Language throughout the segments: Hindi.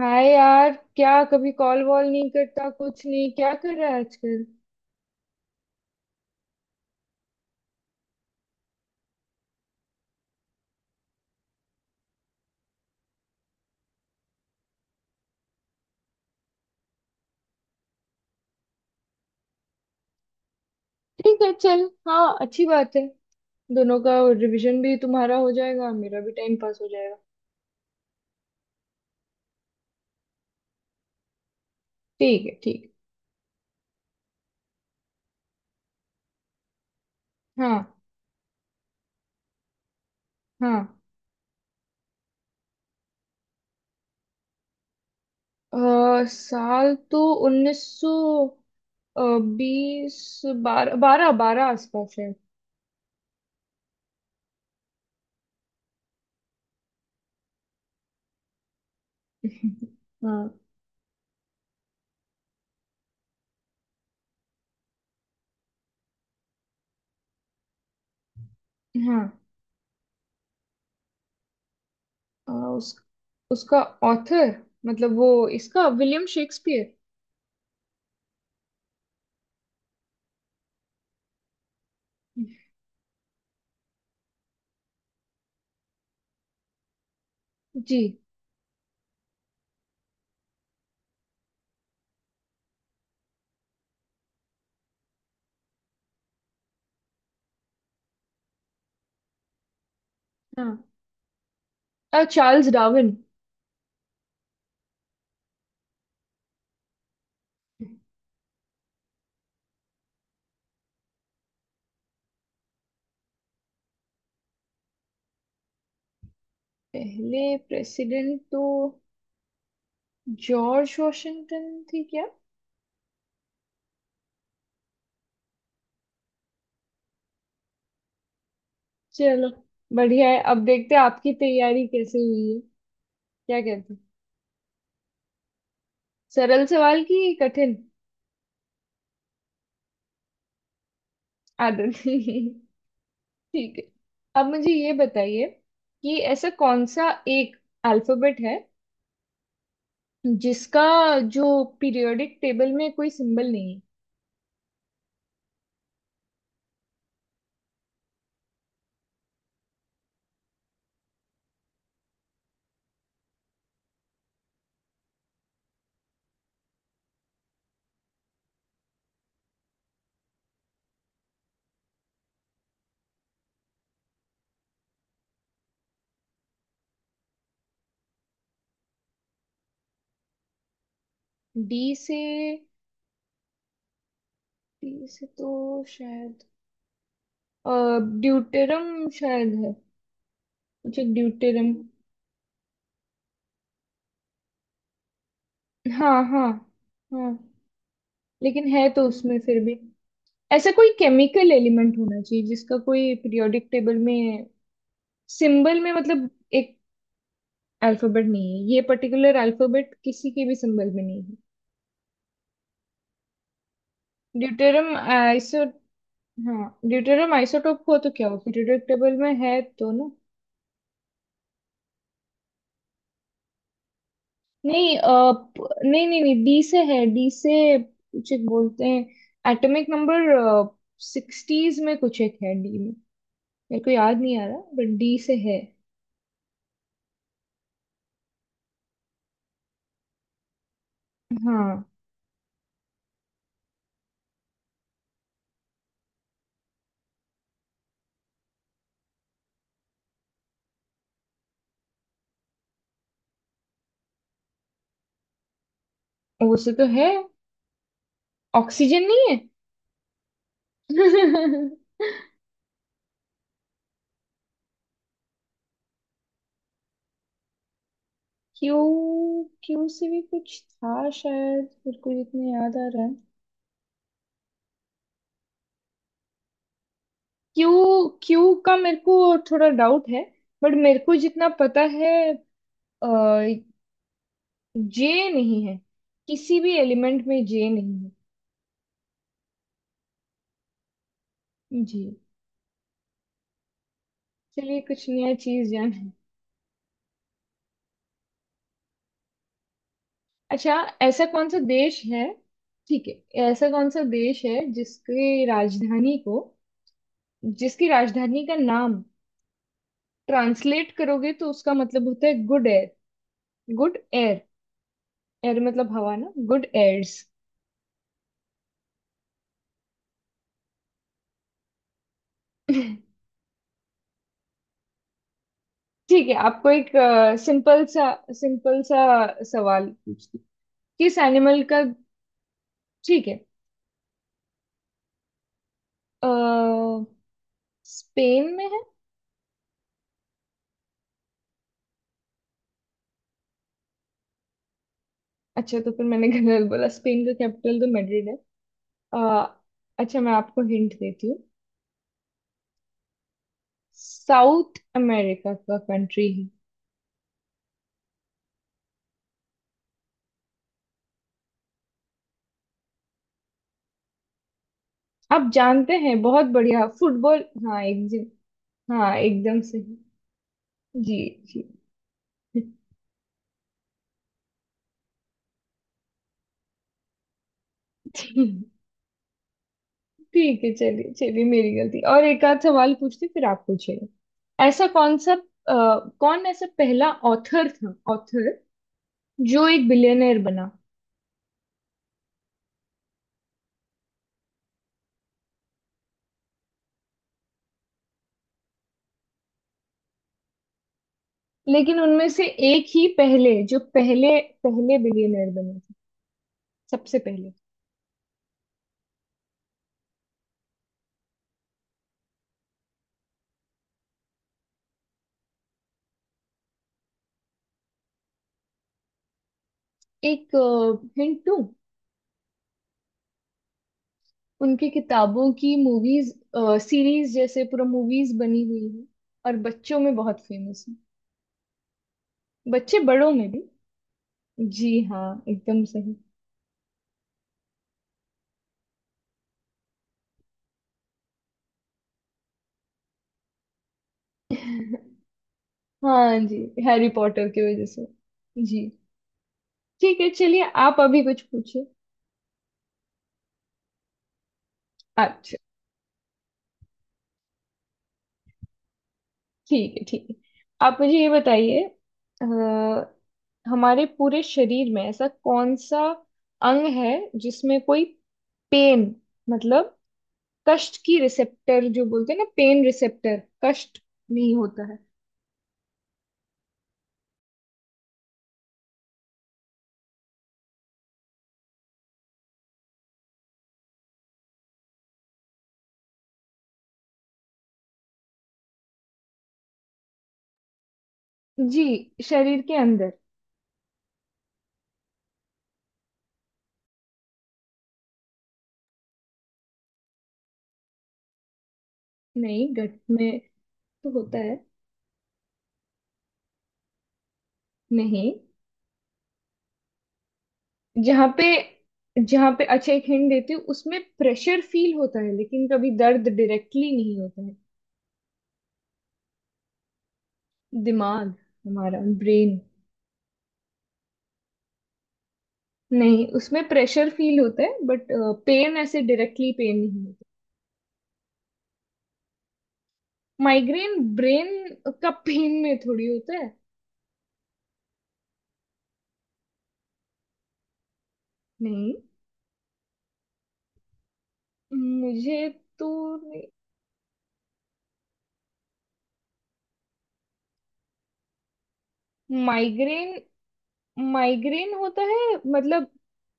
हाय यार। क्या कभी कॉल वॉल नहीं करता कुछ नहीं? क्या कर रहा है आजकल? ठीक है, चल, हाँ, अच्छी बात है। दोनों का रिवीजन भी तुम्हारा हो जाएगा, मेरा भी टाइम पास हो जाएगा। ठीक है, ठीक है। हाँ, हाँ। साल तो 1900 20, 12 बारह बारह आसपास है। हाँ। हाँ। अ, उस उसका ऑथर, मतलब वो, इसका विलियम शेक्सपियर। जी हाँ। Charles Darwin. पहले प्रेसिडेंट तो जॉर्ज वॉशिंगटन थी क्या? चलो, बढ़िया है, अब देखते हैं आपकी तैयारी कैसे हुई है। क्या कहते हैं? सरल सवाल की कठिन? आदत ठीक है, अब मुझे ये बताइए कि ऐसा कौन सा एक अल्फाबेट है जिसका, जो पीरियोडिक टेबल में कोई सिंबल नहीं है। डी से डी से तो शायद ड्यूटेरम शायद है, कुछ ड्यूटेरम। हाँ, हाँ। हाँ, लेकिन है तो उसमें फिर भी, ऐसा कोई केमिकल एलिमेंट होना चाहिए जिसका कोई पीरियोडिक टेबल में सिंबल में, मतलब एक अल्फाबेट नहीं है, ये पर्टिकुलर अल्फाबेट किसी के भी सिंबल में नहीं है। ड्यूटेरियम आइसो, हाँ, ड्यूटेरियम आइसोटोप हो तो क्या हो, पीरियोडिक टेबल में है तो ना। नहीं, नहीं नहीं नहीं, डी से है, डी से कुछ एक बोलते हैं, एटॉमिक नंबर सिक्सटीज में कुछ एक है डी में, मेरे को याद नहीं आ रहा, बट डी से है। हाँ। ओ से तो है ऑक्सीजन नहीं है? क्यू क्यू से भी कुछ था शायद, मेरे को जितना याद आ रहा है। क्यू क्यू का मेरे को थोड़ा डाउट है, बट मेरे को जितना पता है, जे नहीं है, किसी भी एलिमेंट में जे नहीं है। जी, चलिए कुछ नया चीज जाने। अच्छा, ऐसा कौन सा देश है, ठीक है, ऐसा कौन सा देश है जिसकी राजधानी को, जिसकी राजधानी का नाम ट्रांसलेट करोगे तो उसका मतलब होता है good air, good air, air मतलब हवा ना, गुड एयर्स। ठीक है, आपको एक सिंपल सा, सिंपल सा सवाल पूछती हूँ। किस एनिमल का, ठीक है। अ, स्पेन में है? अच्छा तो फिर मैंने गलत बोला, स्पेन का कैपिटल तो मैड्रिड है। अ, अच्छा, मैं आपको हिंट देती हूँ, साउथ अमेरिका का कंट्री है। आप जानते हैं, बहुत बढ़िया फुटबॉल, हाँ एकदम। हाँ, एकदम सही। जी। जी, ठीक, ठीक है, चलिए चलिए, मेरी गलती, और एक आध सवाल पूछती फिर आप पूछिए। ऐसा कौन सा कौन ऐसा पहला ऑथर था, ऑथर जो एक बिलियनर बना, लेकिन उनमें से एक ही पहले, जो पहले, पहले बिलियनर बने थे, सबसे पहले। एक हिंट दूं, उनकी किताबों की मूवीज सीरीज जैसे पूरा मूवीज बनी हुई है, और बच्चों में बहुत फेमस है, बच्चे बड़ों में भी। जी हाँ, एकदम सही। हाँ जी, हैरी पॉटर की वजह से। जी, ठीक है, चलिए आप अभी कुछ पूछिए। अच्छा, ठीक है, ठीक है, आप मुझे ये बताइए, अ, हमारे पूरे शरीर में ऐसा कौन सा अंग है जिसमें कोई पेन, मतलब कष्ट की रिसेप्टर, जो बोलते हैं ना, पेन रिसेप्टर, कष्ट नहीं होता है। जी, शरीर के अंदर। नहीं, गट में तो होता है। नहीं, जहाँ पे, जहाँ पे, अच्छा एक हिंट देती हूँ, उसमें प्रेशर फील होता है लेकिन कभी दर्द डायरेक्टली नहीं होता है। दिमाग, हमारा ब्रेन। नहीं, उसमें प्रेशर फील होता है, बट पेन, ऐसे डायरेक्टली पेन नहीं होता। माइग्रेन ब्रेन का पेन में थोड़ी होता है। नहीं। मुझे, तो माइग्रेन, माइग्रेन होता है, मतलब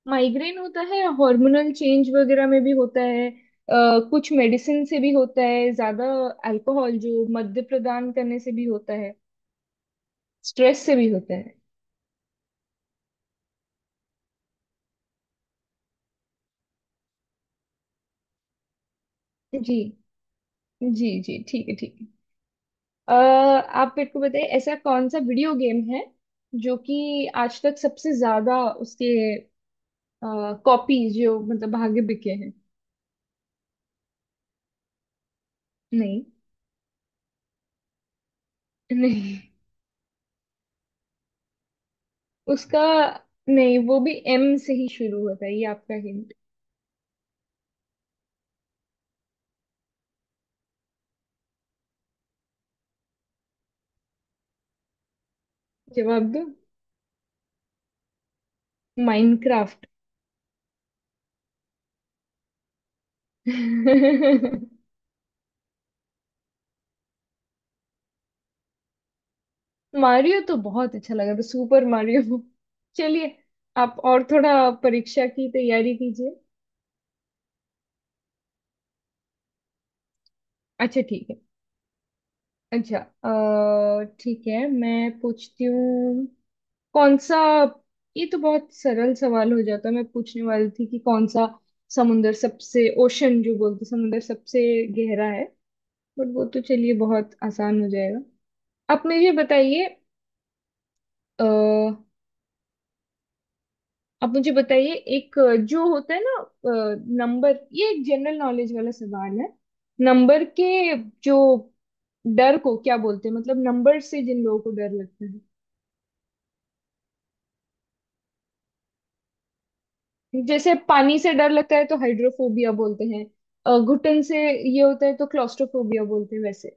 माइग्रेन होता है हार्मोनल चेंज वगैरह में भी होता है, कुछ मेडिसिन से भी होता है, ज्यादा अल्कोहल जो मद्य प्रदान करने से भी होता है, स्ट्रेस से भी होता है। जी, जी जी, ठीक है, ठीक है, अ, आप मेरे को बताइए ऐसा कौन सा वीडियो गेम है जो कि आज तक सबसे ज्यादा उसके कॉपीज, जो मतलब, भागे बिके हैं। नहीं। नहीं, उसका, नहीं, वो भी एम से ही शुरू होता है, ये आपका हिंट। जवाब दो। माइनक्राफ्ट। मारियो तो बहुत अच्छा लगा था, सुपर मारियो। चलिए, आप और थोड़ा परीक्षा की तैयारी कीजिए। अच्छा, ठीक है। अच्छा, ठीक है, मैं पूछती हूँ, कौन सा, ये तो बहुत सरल सवाल हो जाता है। मैं पूछने वाली थी कि कौन सा समुंदर सबसे, ओशन जो बोलते हैं, समुंदर सबसे गहरा है, बट वो तो चलिए बहुत आसान हो जाएगा। आप मुझे बताइए, अ, आप मुझे बताइए एक जो होता है ना नंबर, ये एक जनरल नॉलेज वाला सवाल है, नंबर के जो डर को क्या बोलते हैं, मतलब नंबर से जिन लोगों को डर लगता है, जैसे पानी से डर लगता है तो हाइड्रोफोबिया बोलते हैं, घुटन से ये होता है तो क्लॉस्ट्रोफोबिया बोलते हैं, वैसे।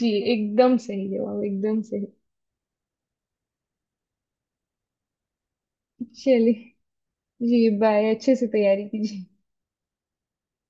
जी, एकदम सही जवाब, एकदम सही। चलिए, जी बाय, अच्छे से तैयारी कीजिए।